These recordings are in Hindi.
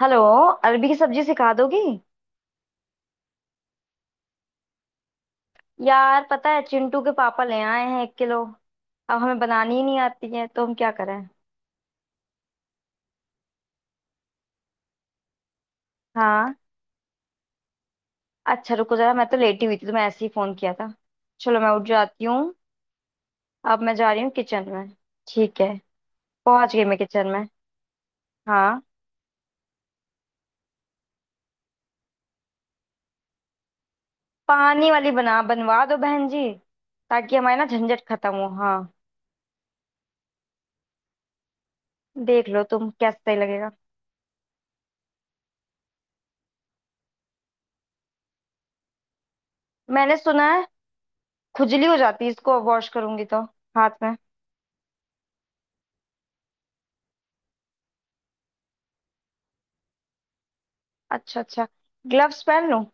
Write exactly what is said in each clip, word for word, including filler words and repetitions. हेलो। अरबी की सब्जी सिखा दोगी। यार पता है चिंटू के पापा ले आए हैं एक किलो। अब हमें बनानी ही नहीं आती है तो हम क्या करें। हाँ। अच्छा रुको जरा, मैं तो लेटी हुई थी तो मैं ऐसे ही फोन किया था। चलो मैं उठ जाती हूँ। अब मैं जा रही हूँ किचन में। ठीक है। पहुंच गई मैं किचन में। हाँ। पानी वाली बना बनवा दो बहन जी। ताकि हमारी ना झंझट खत्म हो, हाँ। देख लो तुम कैसा सही लगेगा। मैंने सुना है खुजली हो जाती है इसको वॉश करूंगी तो। हाथ में। अच्छा अच्छा। ग्लव्स पहन लूं?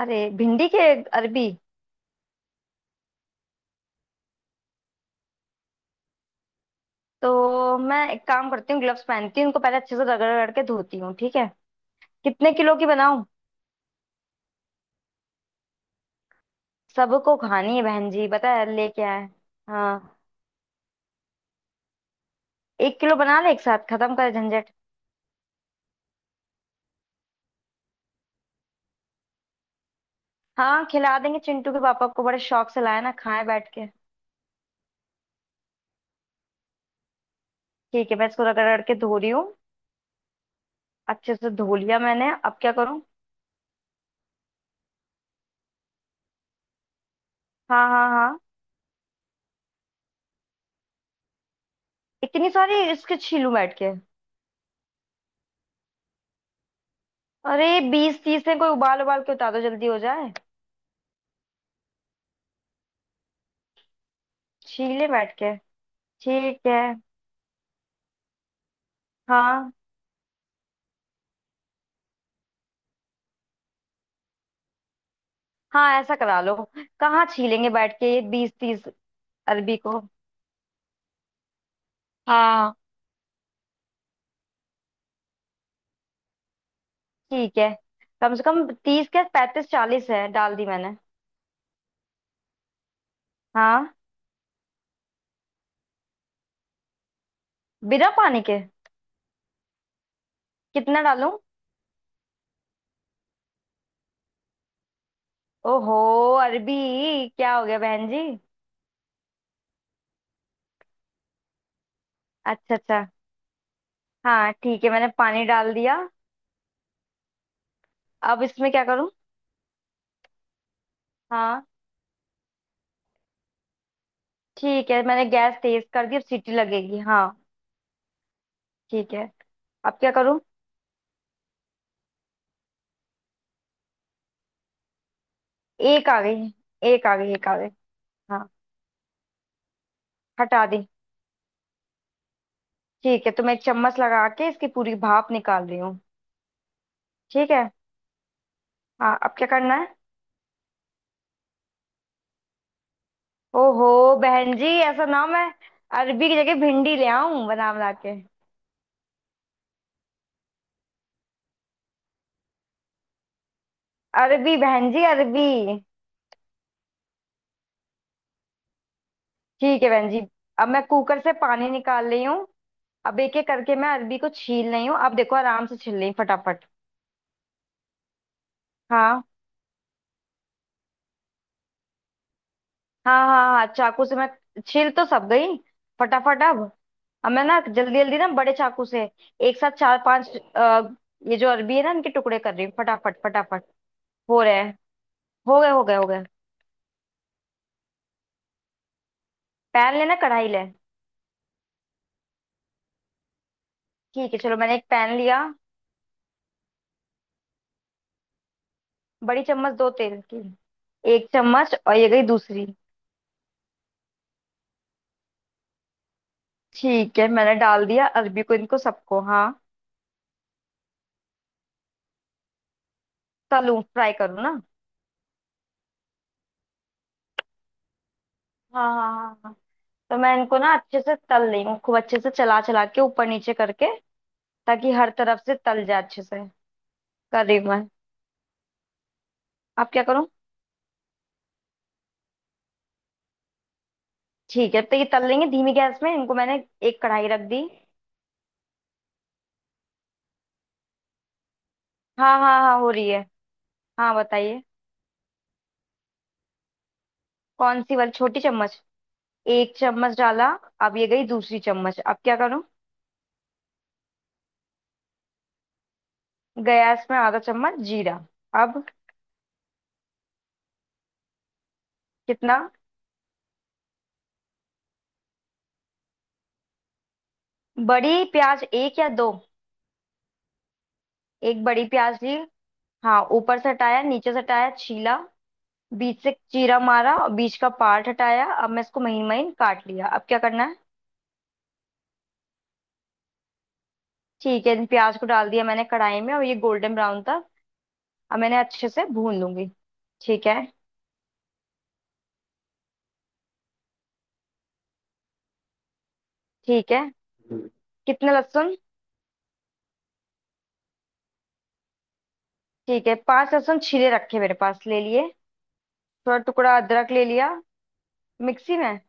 अरे भिंडी के अरबी। तो मैं एक काम करती हूँ, ग्लव्स पहनती हूँ उनको, पहले अच्छे से रगड़ रगड़ के धोती हूँ। ठीक है। कितने किलो की बनाऊँ। सबको खानी है बहन जी, पता है लेके आए। हाँ। एक किलो बना ले, एक साथ खत्म कर झंझट। हाँ खिला देंगे चिंटू के पापा को, बड़े शौक से लाए ना, खाए बैठ के। ठीक है मैं इसको रगड़ रगड़ के धो रही हूँ। अच्छे से धो लिया मैंने। अब क्या करूँ। हाँ हाँ हाँ। इतनी सारी इसके छीलूं बैठ के। अरे बीस तीस है कोई, उबाल उबाल के उतार दो जल्दी हो जाए। छीले बैठ के। ठीक है। हाँ हाँ ऐसा करा लो। कहाँ छीलेंगे बैठ के ये बीस तीस। अरबी को। हाँ। ठीक है कम से कम तीस क्या पैंतीस चालीस है, डाल दी मैंने। हाँ। बिना पानी के। कितना डालूं। ओहो। अरबी। क्या हो गया बहन जी। अच्छा अच्छा। हाँ ठीक है मैंने पानी डाल दिया। अब इसमें क्या करूं। हाँ। ठीक है मैंने गैस तेज कर दी, अब सीटी लगेगी, हाँ। ठीक है। अब क्या करूं। एक आ गई। एक आ गई, एक आ गई। हाँ। हटा दी। ठीक है तो मैं एक चम्मच लगा के इसकी पूरी भाप निकाल रही हूँ। ठीक है। हाँ अब क्या करना है। ओहो। बहन जी ऐसा ना मैं अरबी की जगह भिंडी ले आऊं बना बना के। अरबी बहन जी अरबी। ठीक है बहन जी। अब मैं कुकर से पानी निकाल रही हूँ। अब एक एक करके मैं अरबी को छील रही हूँ, अब देखो आराम से छील रही हूँ फटाफट। हाँ हाँ हाँ हाँ चाकू से मैं। छील तो सब गई फटाफट। अब अब मैं ना जल्दी जल्दी ना बड़े चाकू से एक साथ चार पांच, अ, ये जो अरबी है ना इनके टुकड़े कर रही हूँ फटाफट फटाफट। हो रहे हैं। हो गए हो गए हो गए। पैन लेना कढ़ाई ले। ठीक है चलो मैंने एक पैन लिया। बड़ी चम्मच दो तेल की। एक चम्मच, और ये गई दूसरी। ठीक है मैंने डाल दिया अरबी को, इनको सबको, हाँ। तलूं फ्राई करूँ ना। हाँ हाँ हाँ हाँ। तो मैं इनको ना अच्छे से तल रही हूँ, खूब अच्छे से चला चला के ऊपर नीचे करके ताकि हर तरफ से तल जाए अच्छे से। कर रही हूँ मैं। अब क्या करूँ। ठीक है तो ये तल लेंगे धीमी गैस में इनको, मैंने एक कढ़ाई रख दी। हाँ हाँ हाँ हो रही है। हाँ बताइए। कौन सी वाली, छोटी चम्मच। एक चम्मच डाला। अब ये गई दूसरी चम्मच। अब क्या करूं। गैस में आधा चम्मच जीरा। अब। कितना। बड़ी प्याज एक या दो। एक बड़ी प्याज ली। हाँ ऊपर से हटाया, नीचे से हटाया, छीला, बीच से चीरा मारा और बीच का पार्ट हटाया, अब मैं इसको महीन महीन काट लिया। अब क्या करना है। ठीक है इन प्याज को डाल दिया मैंने कढ़ाई में और ये गोल्डन ब्राउन था। अब मैंने अच्छे से भून लूंगी। ठीक है ठीक है। कितने लहसुन। ठीक है पांच लहसुन छीले रखे मेरे पास, ले लिए। थोड़ा टुकड़ा अदरक ले लिया। मिक्सी में।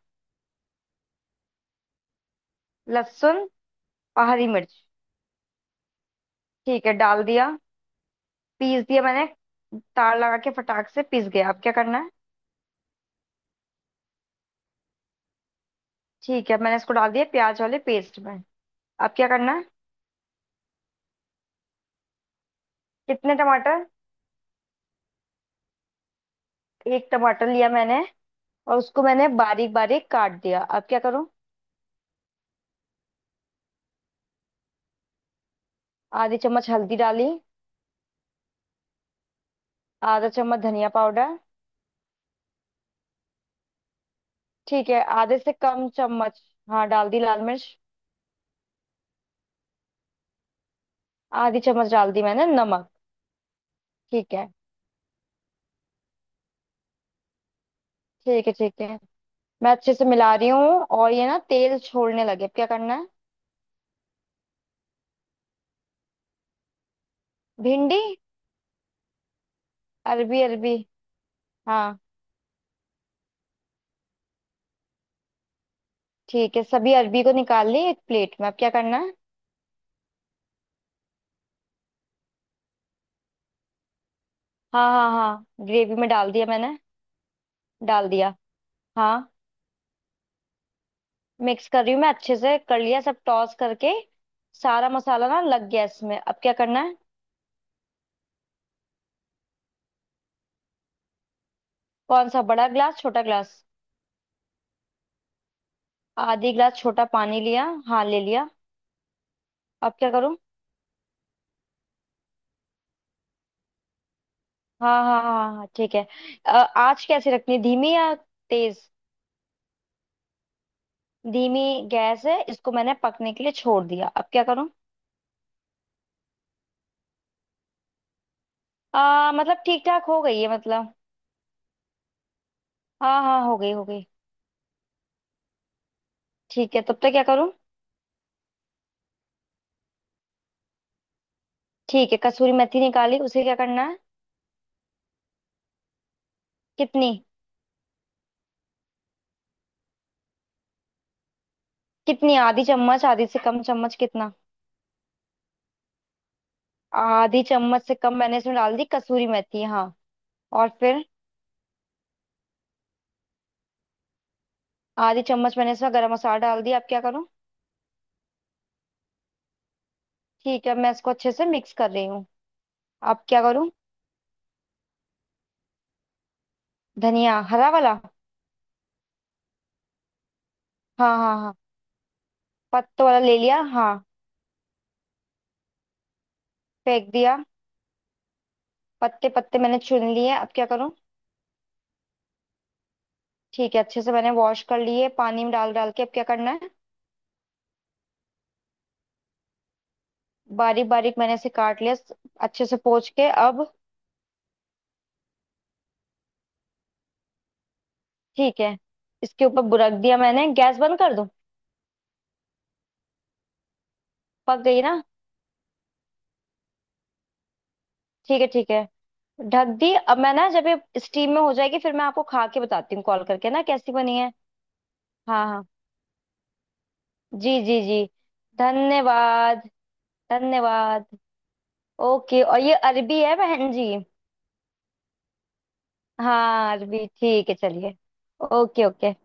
लहसुन और हरी मिर्च। ठीक है डाल दिया। पीस दिया मैंने। तार लगा के फटाक से पीस गया। अब क्या करना है। ठीक है मैंने इसको डाल दिया प्याज वाले पेस्ट में। अब क्या करना है। कितने टमाटर। एक टमाटर लिया मैंने और उसको मैंने बारीक बारीक काट दिया। अब क्या करूं। आधी चम्मच हल्दी डाली। आधा चम्मच धनिया पाउडर। ठीक है आधे से कम चम्मच। हाँ डाल दी लाल मिर्च। आधी चम्मच डाल दी मैंने नमक। ठीक है ठीक है। ठीक है मैं अच्छे से मिला रही हूँ और ये ना तेल छोड़ने लगे। अब क्या करना है। भिंडी अरबी अरबी। हाँ ठीक है सभी अरबी को निकाल ली एक प्लेट में। अब क्या करना है। हाँ हाँ हाँ ग्रेवी में डाल दिया मैंने। डाल दिया। हाँ मिक्स कर रही हूँ मैं अच्छे से, कर लिया सब टॉस करके। सारा मसाला ना लग गया इसमें। अब क्या करना है। कौन सा, बड़ा ग्लास छोटा ग्लास। आधी ग्लास छोटा पानी लिया, हाँ ले लिया। अब क्या करूँ। हाँ हाँ हाँ हाँ ठीक है। अ, आँच कैसे रखनी, धीमी या तेज। धीमी गैस है, इसको मैंने पकने के लिए छोड़ दिया। अब क्या करूँ। आ, मतलब ठीक ठाक हो गई है मतलब। हाँ हाँ हो गई हो गई। ठीक है तब तक क्या करूँ। ठीक है कसूरी मेथी निकाली, उसे क्या करना है। कितनी। कितनी, आधी चम्मच, आधी से कम चम्मच, कितना। आधी चम्मच से कम मैंने इसमें डाल दी कसूरी मेथी, हाँ। और फिर। आधी चम्मच मैंने इसमें गरम मसाला डाल दिया। अब क्या करूँ। ठीक है मैं इसको अच्छे से मिक्स कर रही हूँ। अब क्या करूँ। धनिया हरा वाला। हाँ हाँ हाँ पत्तों वाला ले लिया, हाँ। फेंक दिया। पत्ते पत्ते मैंने चुन लिए। अब क्या करूँ। ठीक है अच्छे से मैंने वॉश कर लिए पानी में डाल डाल के। अब क्या करना है। बारीक बारीक मैंने इसे काट लिया, स- अच्छे से पोंछ के, अब। ठीक है। इसके ऊपर बुरक दिया मैंने, गैस बंद कर दूं। पक गई ना। ठीक है ठीक है ढक दी। अब मैं ना, जब ये स्टीम में हो जाएगी फिर मैं आपको खा के बताती हूँ कॉल करके ना कैसी बनी है। हाँ हाँ जी जी जी। धन्यवाद। धन्यवाद। ओके, और ये अरबी है बहन जी। हाँ अरबी, ठीक है चलिए। Okay okay.